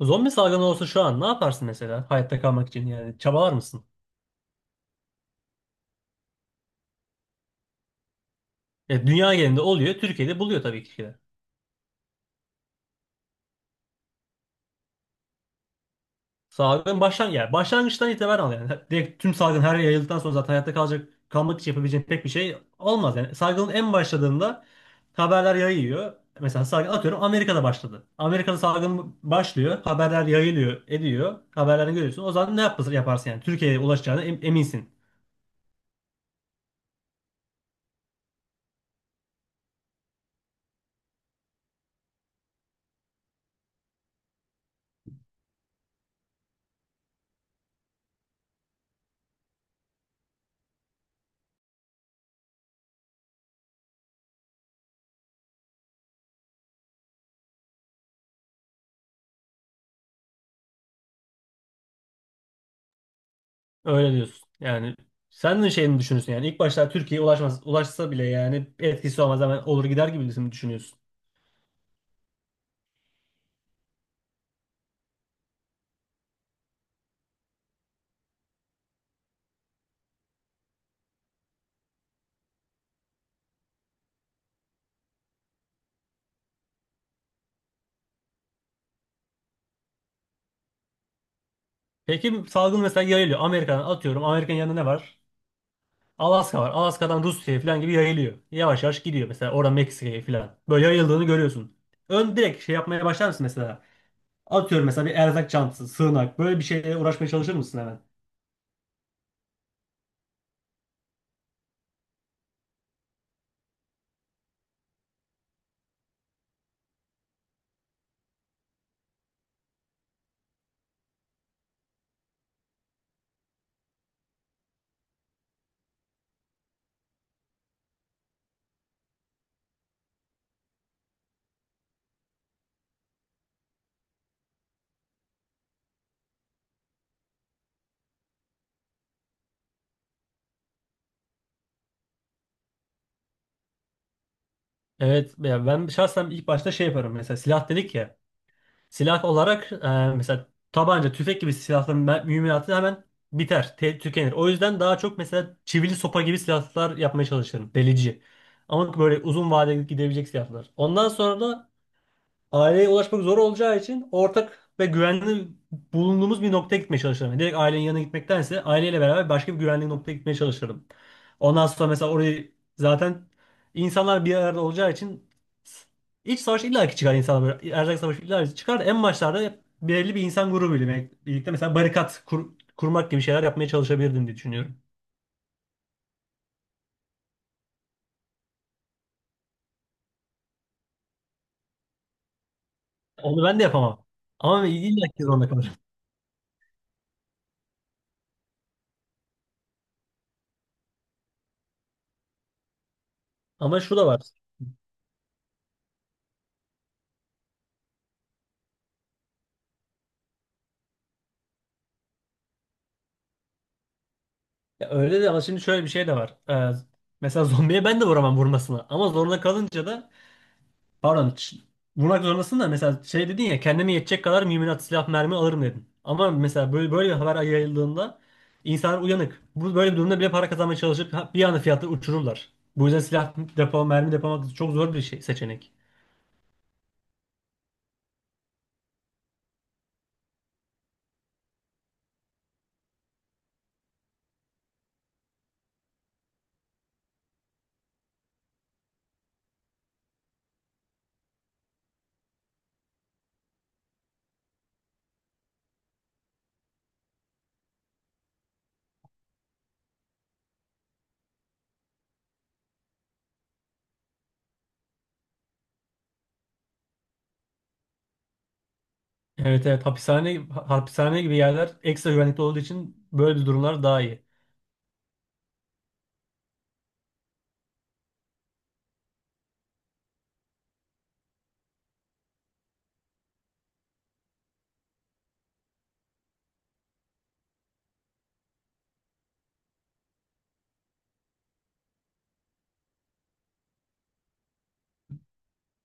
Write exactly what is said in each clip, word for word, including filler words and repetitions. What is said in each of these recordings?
Zombi salgını olsa şu an ne yaparsın mesela hayatta kalmak için yani çabalar mısın? Ya dünya genelinde oluyor, Türkiye'de buluyor tabii ki de. Salgın başlan yani başlangıçtan itibaren al yani. Direkt tüm salgın her yere yayıldıktan sonra zaten hayatta kalacak kalmak için yapabileceğin pek bir şey olmaz yani. Salgının en başladığında haberler yayıyor. Mesela salgın atıyorum Amerika'da başladı. Amerika'da salgın başlıyor, haberler yayılıyor, ediyor. Haberlerini görüyorsun. O zaman ne yaparsın, yaparsın yani? Türkiye'ye ulaşacağına em- eminsin. Öyle diyorsun. Yani sen de şeyini düşünüyorsun yani ilk başta Türkiye'ye ulaşmaz, ulaşsa bile yani etkisi olmaz, hemen olur gider gibi mi düşünüyorsun? Peki salgın mesela yayılıyor. Amerika'dan atıyorum. Amerika'nın yanında ne var? Alaska var. Alaska'dan Rusya'ya falan gibi yayılıyor. Yavaş yavaş gidiyor mesela oradan Meksika'ya falan. Böyle yayıldığını görüyorsun. Ön direkt şey yapmaya başlar mısın mesela? Atıyorum mesela bir erzak çantası, sığınak, böyle bir şeyle uğraşmaya çalışır mısın hemen? Evet ya, ben şahsen ilk başta şey yaparım, mesela silah dedik ya. Silah olarak e, mesela tabanca, tüfek gibi silahların mü- mühimmatı hemen biter, te- tükenir. O yüzden daha çok mesela çivili sopa gibi silahlar yapmaya çalışırım. Delici. Ama böyle uzun vadeli gidebilecek silahlar. Ondan sonra da aileye ulaşmak zor olacağı için ortak ve güvenli bulunduğumuz bir noktaya gitmeye çalışırım. Yani direkt ailenin yanına gitmektense aileyle beraber başka bir güvenli noktaya gitmeye çalışırım. Ondan sonra mesela orayı zaten insanlar bir arada olacağı için iç savaş illaki çıkar insanlar böyle. Erzak savaşı illaki çıkar. En başlarda hep belirli bir insan grubuyla be- birlikte mesela barikat kur- kurmak gibi şeyler yapmaya çalışabilirdim diye düşünüyorum. Onu ben de yapamam. Ama illaki zorunda kalırım. Ama şu da var. Ya öyle de, ama şimdi şöyle bir şey de var. Ee, mesela zombiye ben de vuramam vurmasına. Ama zorunda kalınca da, pardon ç- vurmak zorundasın da. Mesela şey dedin ya, kendime yetecek kadar mühimmat, silah, mermi alırım dedin. Ama mesela böyle böyle bir haber yayıldığında insanlar uyanık. Bu böyle bir durumda bile para kazanmaya çalışıp ha- bir anda fiyatları uçururlar. Bu yüzden silah depo mermi depolamak çok zor bir şey, seçenek. Evet, evet, hapishane hapishane gibi yerler ekstra güvenlikli olduğu için böyle bir durumlar daha iyi.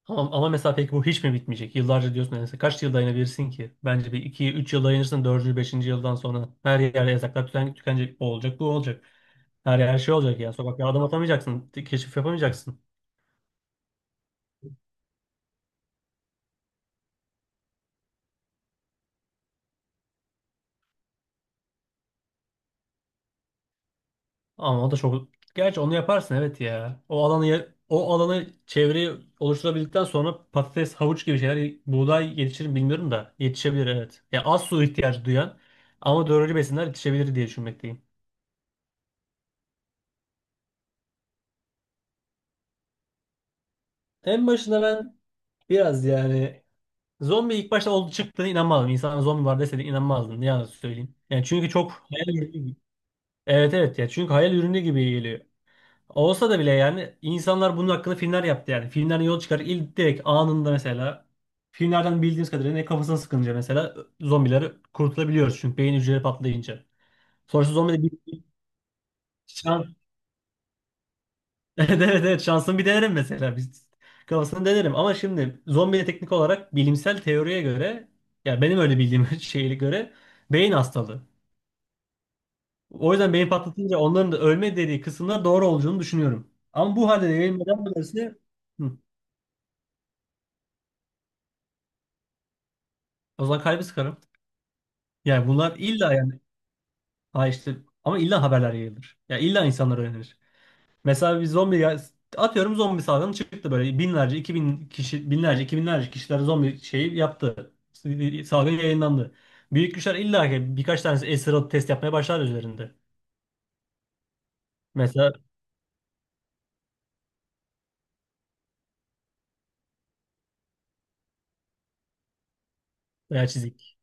Ama, ama mesela peki bu hiç mi bitmeyecek? Yıllarca diyorsun, yani kaç yıl dayanabilirsin ki? Bence bir iki üç yıl dayanırsın, dördüncü beşinci yıldan sonra her yerde yasaklar tüken, tükenecek. O olacak, bu olacak. Her yer, her şey olacak ya. Sokaklara adım atamayacaksın. Keşif yapamayacaksın. Ama o da çok... Gerçi onu yaparsın, evet ya. O alanı, ya- o alanı, çevreyi oluşturabildikten sonra patates, havuç gibi şeyler, buğday yetişir mi bilmiyorum da, yetişebilir evet. Ya az su ihtiyacı duyan ama doğru besinler yetişebilir diye düşünmekteyim. En başında ben biraz yani, zombi ilk başta oldu, çıktığına inanmadım. İnsanlara zombi var deseydin inanmazdım. Ne yalan söyleyeyim. Yani çünkü çok hayal ürünü gibi. Evet, evet ya, çünkü hayal ürünü gibi geliyor. Olsa da bile yani insanlar bunun hakkında filmler yaptı yani. Filmlerden yol çıkar ilk direkt anında, mesela filmlerden bildiğiniz kadarıyla, ne, kafasına sıkınca mesela zombileri kurtulabiliyoruz çünkü beyin hücreleri patlayınca. Sonuçta zombi de bir şans. Evet, evet, evet, şansımı bir denerim mesela. Biz kafasını denerim, ama şimdi zombiye teknik olarak bilimsel teoriye göre, ya benim öyle bildiğim şeye göre, beyin hastalığı. O yüzden beyin patlatınca onların da ölme dediği kısımlar doğru olduğunu düşünüyorum. Ama bu halde de yayılmadan böylesi hı, o zaman kalbi sıkarım. Yani bunlar illa yani, ha işte, ama illa haberler yayılır. Ya illa insanlar öğrenir. Mesela bir zombi ya- atıyorum zombi salgını çıktı, böyle binlerce, iki bin kişi, binlerce, iki binlerce kişiler zombi şeyi yaptı. Salgın yayınlandı. Büyük güçler illa ki birkaç tanesi esir alıp test yapmaya başlar üzerinde. Mesela, veya çizik.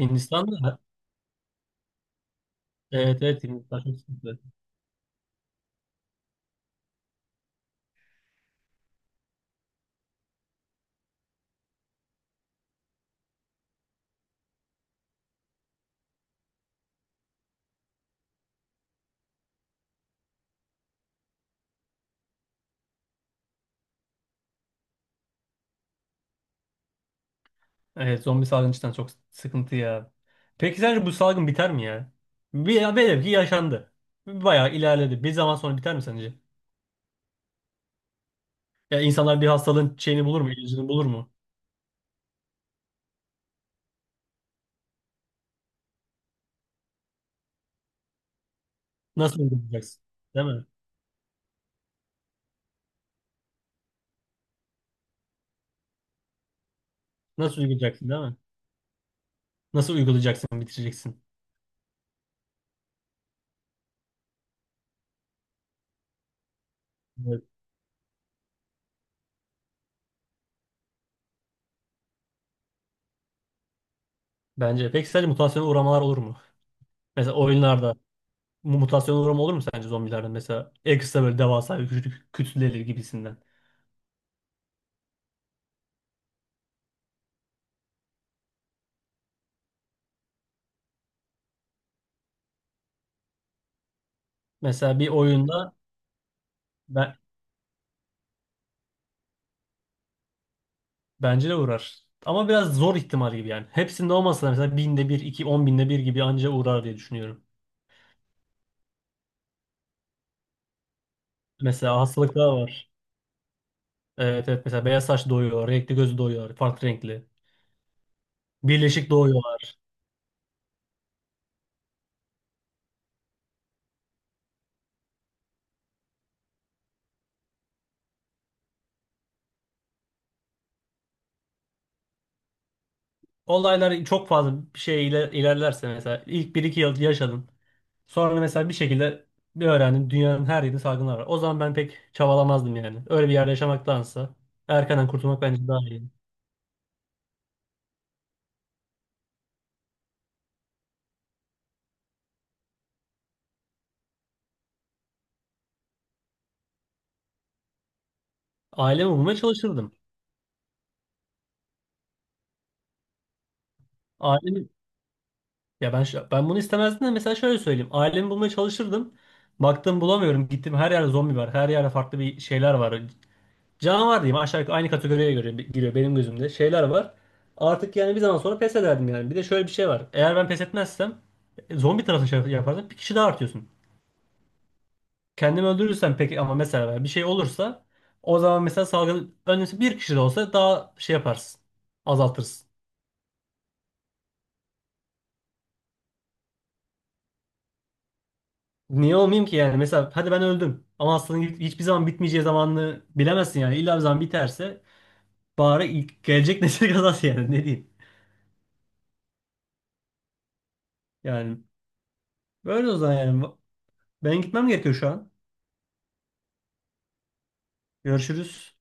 Hindistan'da, evet evet, Hindistan çok sıkıntı. Evet, zombi salgını cidden çok sıkıntı ya. Peki sence bu salgın biter mi ya? Bir, velev ki yaşandı. Bayağı ilerledi. Bir zaman sonra biter mi sence? Ya insanlar bir hastalığın şeyini bulur mu, ilacını bulur mu? Nasıl uygulayacaksın? Değil mi? Nasıl uygulayacaksın değil mi? Nasıl uygulayacaksın, bitireceksin? Evet. Bence. Peki sence mutasyona uğramalar olur mu? Mesela oyunlarda mu- mutasyona uğrama olur mu sence zombilerde? Mesela ekstra böyle devasa bir küçük kütleleri gibisinden. Mesela bir oyunda ben, bence de uğrar. Ama biraz zor ihtimal gibi yani. Hepsinde olmasa da mesela binde bir, iki, on binde bir gibi anca uğrar diye düşünüyorum. Mesela hastalıklar var. Evet, evet, mesela beyaz saç doğuyor, renkli gözü doğuyor, farklı renkli. Birleşik doğuyor. Olaylar çok fazla bir şey iler- ilerlerse, mesela ilk bir iki yıl yaşadın. Sonra mesela bir şekilde bir öğrendin dünyanın her yerinde salgınlar var. O zaman ben pek çabalamazdım yani. Öyle bir yerde yaşamaktansa erkenden kurtulmak bence daha iyi. Ailemi bulmaya çalışırdım. Ailemi, ya ben şu- ben bunu istemezdim de, mesela şöyle söyleyeyim. Ailemi bulmaya çalışırdım. Baktım bulamıyorum. Gittim her yerde zombi var. Her yerde farklı bir şeyler var. Canavar diyeyim, aşağı yukarı aynı kategoriye göre giriyor benim gözümde. Şeyler var. Artık yani bir zaman sonra pes ederdim yani. Bir de şöyle bir şey var. Eğer ben pes etmezsem e, zombi tarafı şey yapardım. Bir kişi daha artıyorsun. Kendimi öldürürsem peki, ama mesela bir şey olursa o zaman mesela salgın önlemesi bir kişi de olsa daha şey yaparsın. Azaltırsın. Niye olmayayım ki yani? Mesela hadi ben öldüm. Ama aslında hiç- hiçbir zaman bitmeyeceği zamanını bilemezsin yani. İlla bir zaman biterse bari ilk gelecek nesil kazansın yani, ne diyeyim. Yani böyle o zaman yani. Ben gitmem gerekiyor şu an. Görüşürüz.